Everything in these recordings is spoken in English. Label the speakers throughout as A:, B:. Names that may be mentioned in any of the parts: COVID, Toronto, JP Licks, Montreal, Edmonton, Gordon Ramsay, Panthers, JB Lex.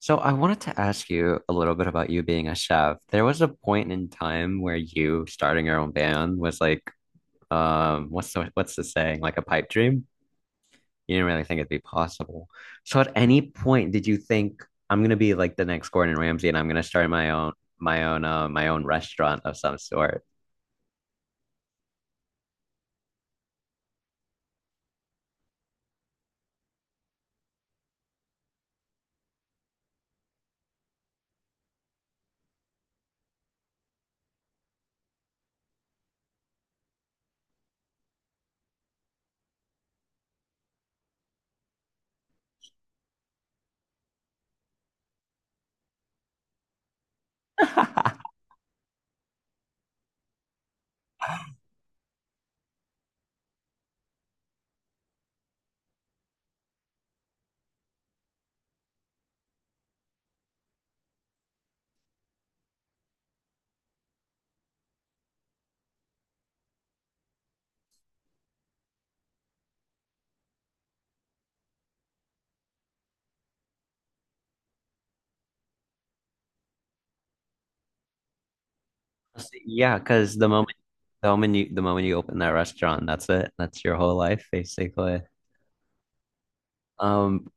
A: So I wanted to ask you a little bit about you being a chef. There was a point in time where you starting your own band was like, what's the saying? Like a pipe dream? You didn't really think it'd be possible. So at any point did you think I'm gonna be like the next Gordon Ramsay and I'm gonna start my own my own my own restaurant of some sort? Yeah, because the moment the moment you open that restaurant, that's it. That's your whole life basically. Um,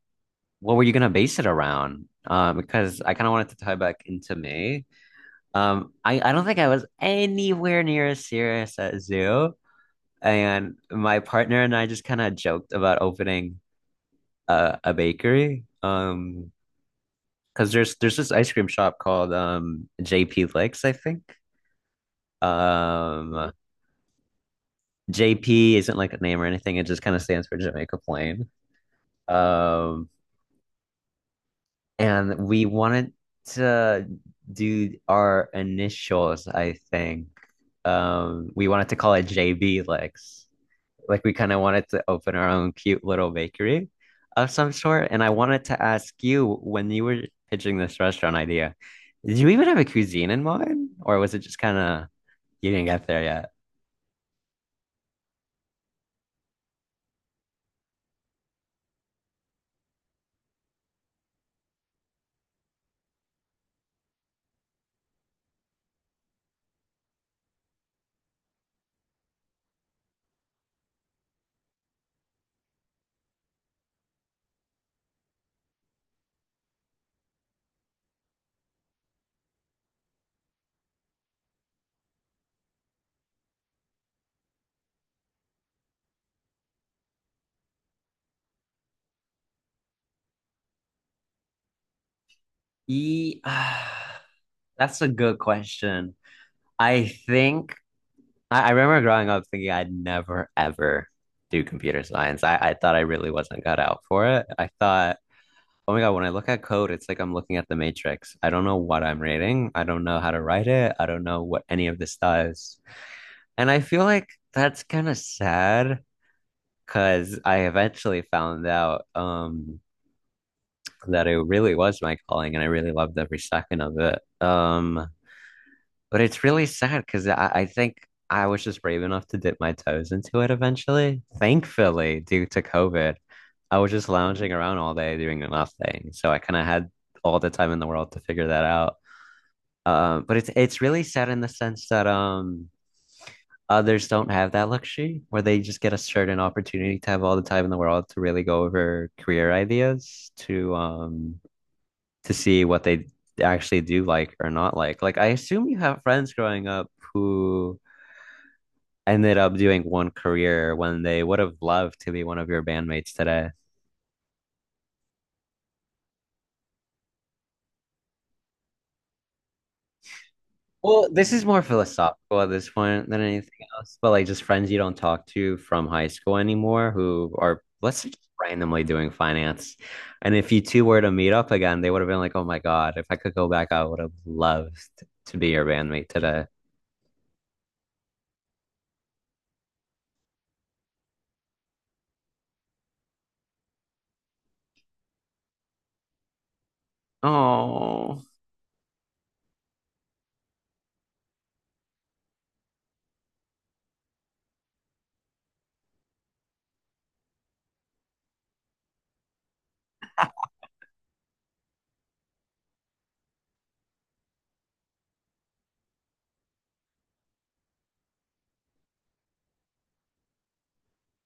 A: what were you gonna base it around? Because I kind of wanted to tie back into May. I don't think I was anywhere near as serious at Zoo, and my partner and I just kind of joked about opening a bakery. Because there's this ice cream shop called JP Licks, I think. Um, JP isn't like a name or anything; it just kind of stands for Jamaica Plain. Um, And we wanted to do our initials, I think. We wanted to call it JB Lex. Like we kind of wanted to open our own cute little bakery of some sort. And I wanted to ask you when you were pitching this restaurant idea, did you even have a cuisine in mind? Or was it just kind of you didn't get there yet? E- That's a good question. I think I remember growing up thinking I'd never ever do computer science. I thought I really wasn't cut out for it. I thought, oh my God, when I look at code, it's like I'm looking at the matrix. I don't know what I'm reading. I don't know how to write it. I don't know what any of this does. And I feel like that's kind of sad because I eventually found out that it really was my calling and I really loved every second of it. But it's really sad because I think I was just brave enough to dip my toes into it eventually. Thankfully, due to COVID, I was just lounging around all day doing nothing. So I kind of had all the time in the world to figure that out. But it's really sad in the sense that others don't have that luxury where they just get a certain opportunity to have all the time in the world to really go over career ideas to see what they actually do like or not like. Like I assume you have friends growing up who ended up doing one career when they would have loved to be one of your bandmates today? Well, this is more philosophical at this point than anything else, but like just friends you don't talk to from high school anymore who are, let's say, just randomly doing finance. And if you two were to meet up again, they would have been like, oh my God, if I could go back, I would have loved to be your bandmate today. Oh,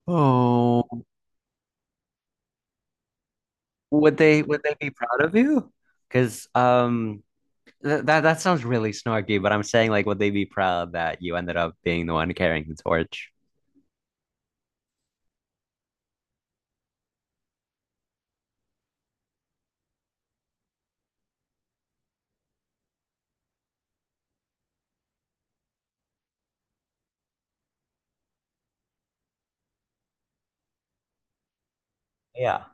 A: oh, would they be proud of you? Because that that sounds really snarky, but I'm saying like would they be proud that you ended up being the one carrying the torch? Yeah.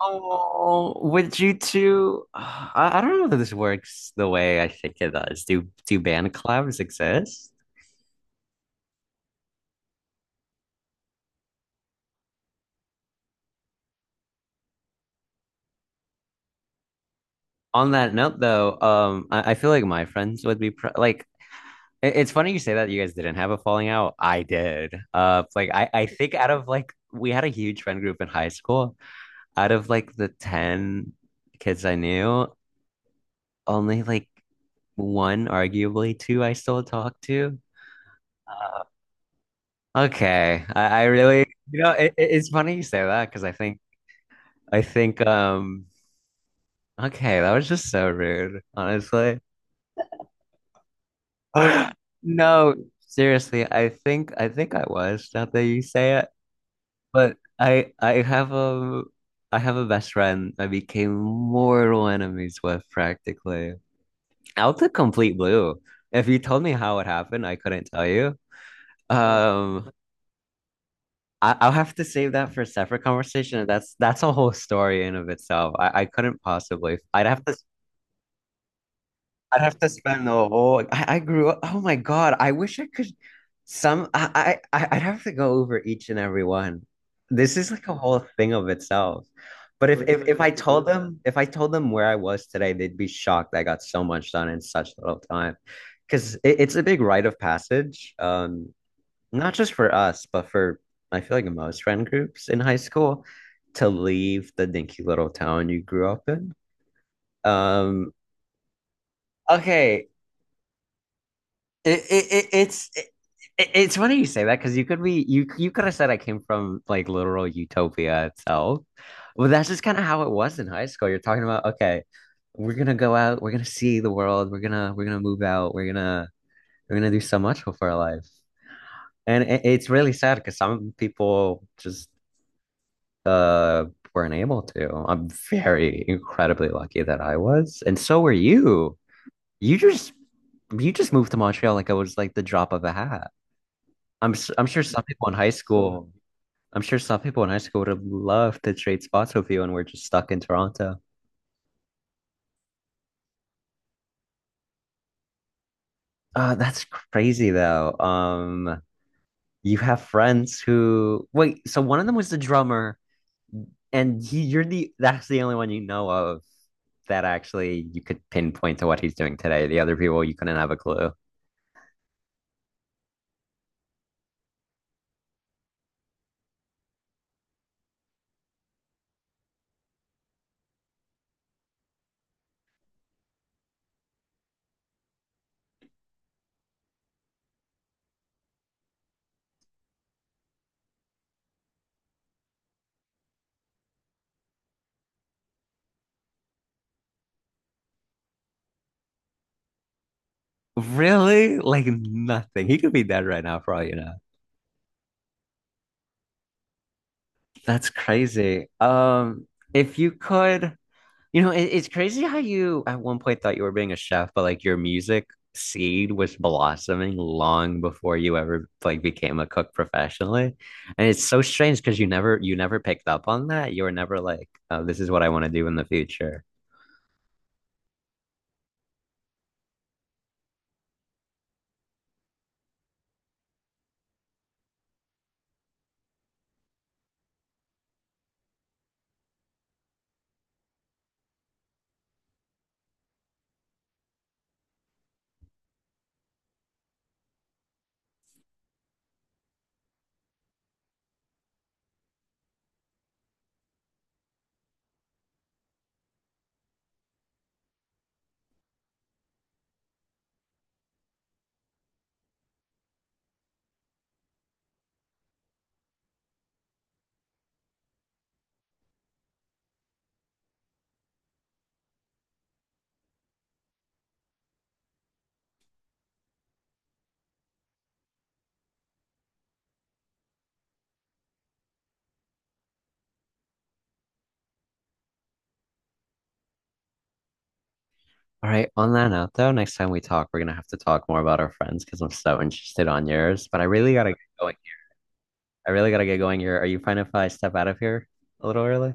A: Oh, would you two? I don't know that this works the way I think it does. Do band collabs exist? On that note, though, I feel like my friends would be pr, like, it's funny you say that you guys didn't have a falling out. I did. Like I think out of like we had a huge friend group in high school. Out of like the ten kids I knew, only like one, arguably two, I still talk to. Uh, okay, I really, you know, it's funny you say that because I think, okay, that was just so rude, honestly. No, seriously, I think, I think I was, now that you say it, but I have a, I have a best friend I became mortal enemies with practically out the complete blue. If you told me how it happened, I couldn't tell you. Um, I'll have to save that for a separate conversation. That's a whole story in of itself. I couldn't possibly. I'd have to. I'd have to spend the whole, like, I grew up. Oh my God! I wish I could. Some. I. I. I'd have to go over each and every one. This is like a whole thing of itself. But if I told them if I told them where I was today, they'd be shocked. I got so much done in such little time, because it's a big rite of passage. Not just for us, but for I feel like most friend groups in high school to leave the dinky little town you grew up in. Um, okay, it, it, it it's it, it's funny you say that because you could be you could have said I came from like literal utopia itself, but that's just kind of how it was in high school. You're talking about, okay, we're gonna go out, we're gonna see the world, we're gonna move out, we're gonna do so much with our life. And it's really sad because some people just uh weren't able to. I'm very incredibly lucky that I was, and so were you. You just you just moved to Montreal like I was like the drop of a hat. I'm sure some people in high school, I'm sure some people in high school would have loved to trade spots with you, and we're just stuck in Toronto. That's crazy though. You have friends who wait. So one of them was the drummer and he, you're the that's the only one you know of that actually you could pinpoint to what he's doing today. The other people you couldn't have a clue. Really? Like nothing. He could be dead right now for all you know. That's crazy. If you could, you know, it's crazy how you at one point thought you were being a chef, but like your music seed was blossoming long before you ever like became a cook professionally. And it's so strange because you never picked up on that. You were never like, oh, this is what I want to do in the future. All right, on that note though, next time we talk, we're gonna have to talk more about our friends because I'm so interested on yours. But I really gotta get going. I really gotta get going here. Are you fine if I step out of here a little early?